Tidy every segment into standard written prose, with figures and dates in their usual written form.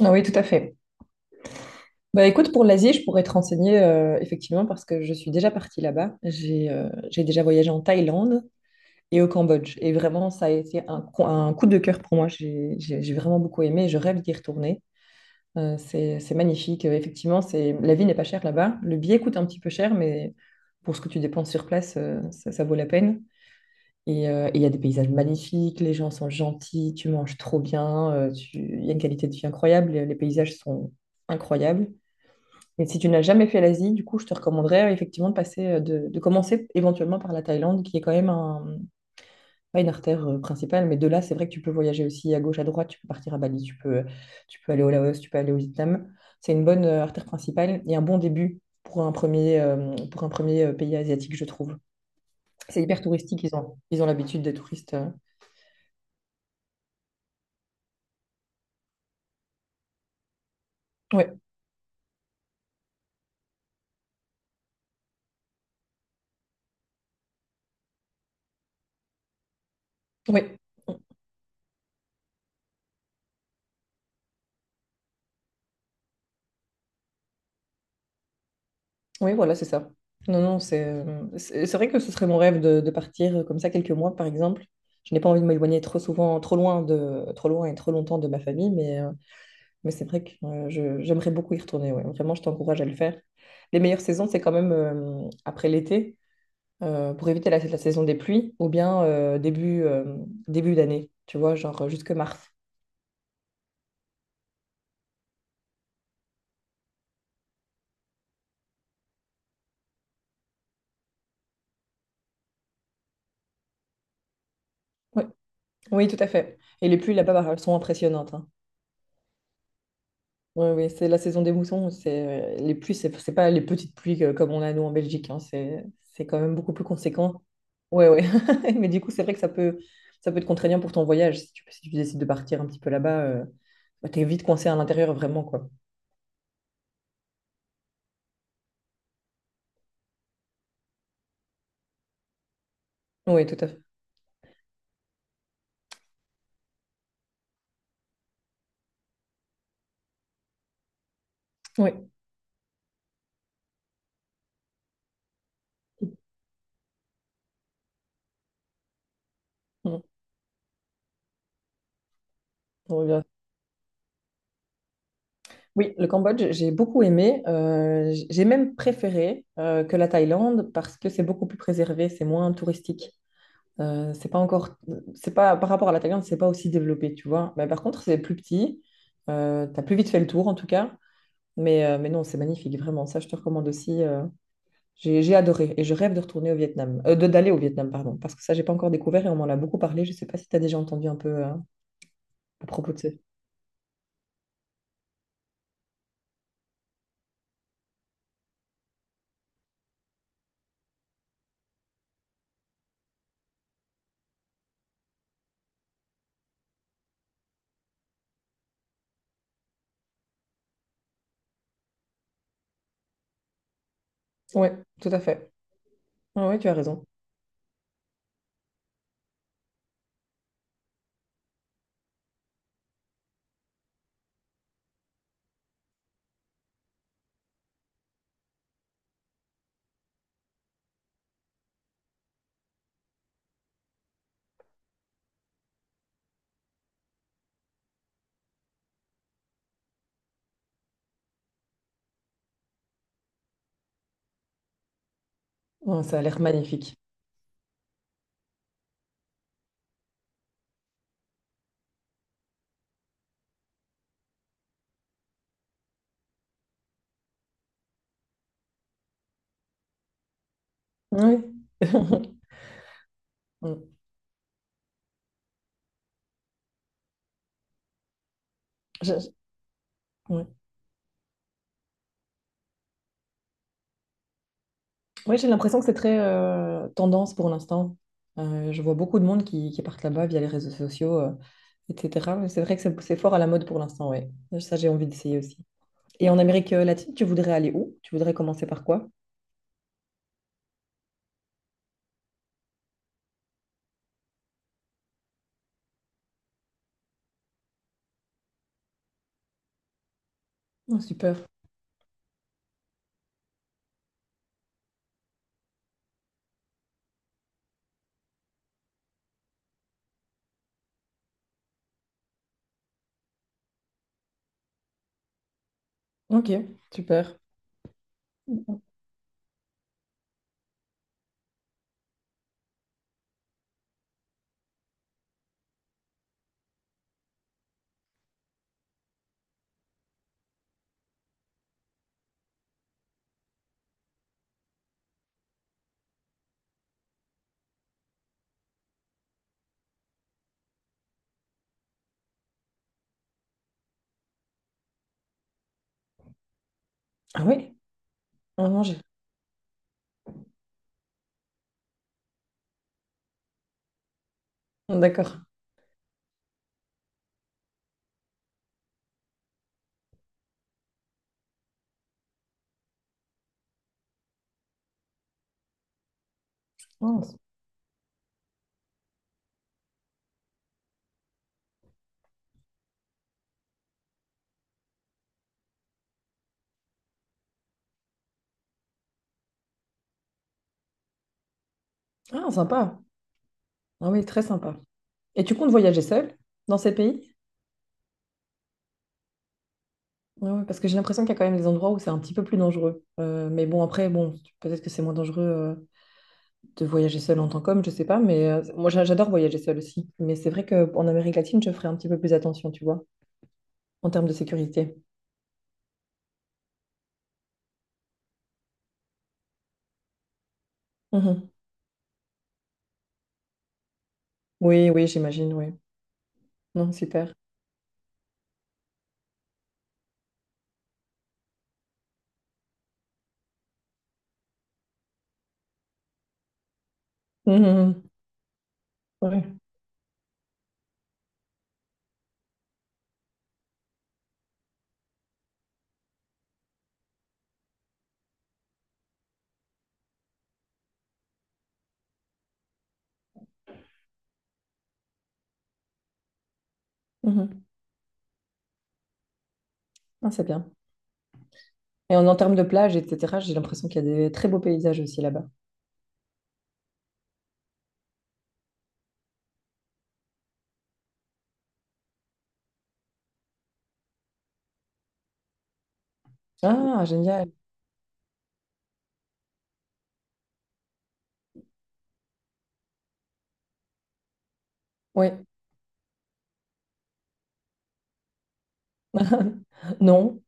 Ah oui, tout à fait. Bah écoute, pour l'Asie, je pourrais te renseigner effectivement parce que je suis déjà partie là-bas. J'ai déjà voyagé en Thaïlande et au Cambodge. Et vraiment, ça a été un coup de cœur pour moi. J'ai vraiment beaucoup aimé. Je rêve d'y retourner. C'est magnifique. Effectivement, c'est la vie n'est pas chère là-bas. Le billet coûte un petit peu cher, mais pour ce que tu dépenses sur place, ça, ça vaut la peine. Et il y a des paysages magnifiques, les gens sont gentils, tu manges trop bien, il y a une qualité de vie incroyable, les paysages sont incroyables. Et si tu n'as jamais fait l'Asie, du coup, je te recommanderais effectivement de de commencer éventuellement par la Thaïlande, qui est quand même un, pas une artère principale, mais de là, c'est vrai que tu peux voyager aussi à gauche, à droite, tu peux partir à Bali, tu peux aller au Laos, tu peux aller au Vietnam. C'est une bonne artère principale et un bon début pour pour un premier pays asiatique, je trouve. C'est hyper touristique, ils ont l'habitude des touristes. Ouais ouais. Oui, voilà, c'est ça. Non, non, c'est c'est vrai que ce serait mon rêve de partir comme ça quelques mois, par exemple. Je n'ai pas envie de m'éloigner trop souvent, trop loin et trop longtemps de ma famille, mais c'est vrai que j'aimerais beaucoup y retourner. Ouais. Vraiment, je t'encourage à le faire. Les meilleures saisons, c'est quand même après l'été, pour éviter la saison des pluies, ou bien début d'année, tu vois, jusque mars. Oui, oui, tout à fait. Et les pluies là-bas, bah, elles sont impressionnantes, hein. Oui, oui, c'est la saison des moussons. C'est les pluies, c'est pas les petites pluies comme on a nous en Belgique. Hein, c'est quand même beaucoup plus conséquent. Ouais, ouais. Mais du coup, c'est vrai que ça peut être contraignant pour ton voyage si tu décides de partir un petit peu là-bas. Bah, t'es vite coincé à l'intérieur vraiment quoi. Oui, tout à fait. Oui. Mm. On revient. Oui, le Cambodge, j'ai beaucoup aimé. J'ai même préféré que la Thaïlande parce que c'est beaucoup plus préservé, c'est moins touristique. Euh, c'est pas encore, c'est pas par rapport à la Thaïlande, c'est pas aussi développé, tu vois. Mais par contre, c'est plus petit. T'as plus vite fait le tour en tout cas. Mais non, c'est magnifique, vraiment. Ça, je te recommande aussi. J'ai adoré et je rêve de retourner au Vietnam, de d'aller au Vietnam, pardon, parce que ça, j'ai pas encore découvert et on m'en a beaucoup parlé. Je sais pas si tu as déjà entendu un peu à propos de ça. Oui, tout à fait. Oui, tu as raison. Ouais, ça a l'air magnifique. Oui. Mm. Je- je- ouais. Oui, j'ai l'impression que c'est très tendance pour l'instant. Je vois beaucoup de monde qui partent là-bas via les réseaux sociaux, etc. Mais c'est vrai que c'est fort à la mode pour l'instant, oui. Ça, j'ai envie d'essayer aussi. Et en Amérique latine, tu voudrais aller où? Tu voudrais commencer par quoi? Oh, super. Ok, super. Ah oui, en Angers. D'accord. Oh, s-. Ah, sympa. Ah oui, très sympa. Et tu comptes voyager seul dans ces pays? Ah ouais, parce que j'ai l'impression qu'il y a quand même des endroits où c'est un petit peu plus dangereux. Mais bon, après, bon, peut-être que c'est moins dangereux de voyager seul en tant qu'homme, je sais pas, mais j'adore voyager seul aussi. Mais c'est vrai qu'en Amérique latine, je ferai un petit peu plus attention, tu vois, en termes de sécurité. Mhm. Oui, oui, j'imagine, oui. Non, super. Mhm. Ouais. Mhm. Ah, c'est bien. Et en termes de plage, etc., j'ai l'impression qu'il y a des très beaux paysages aussi là-bas. Ah, génial. Oui. Non.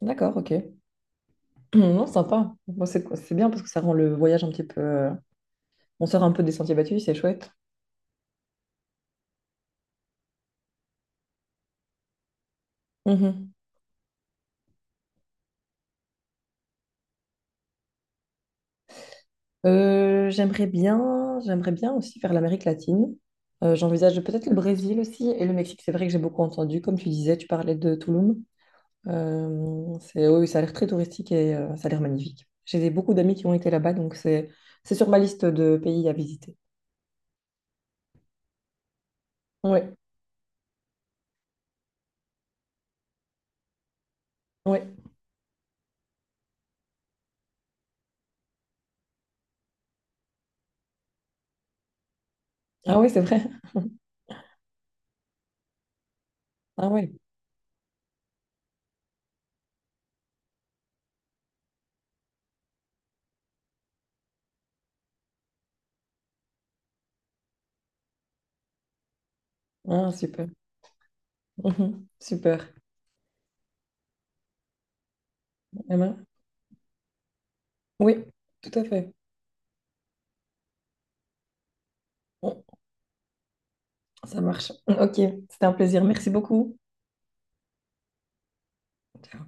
D'accord, ok. Non, sympa. Bon, c'est bien parce que ça rend le voyage un petit peu... On sort un peu des sentiers battus, c'est chouette. Mhm. J'aimerais bien aussi faire l'Amérique latine. J'envisage peut-être le Brésil aussi et le Mexique. C'est vrai que j'ai beaucoup entendu, comme tu disais, tu parlais de Tulum. C'est, oui, oui, ça a l'air très touristique et ça a l'air magnifique. Beaucoup d'amis qui ont été là-bas, donc c'est sur ma liste de pays à visiter. Oui, oui. Ah oui, c'est vrai. Ah oui. Ah, super. Mhm. Super. Emma? Oui, tout à fait. Bon, ça marche. Ok, c'était un plaisir. Merci beaucoup. Ciao.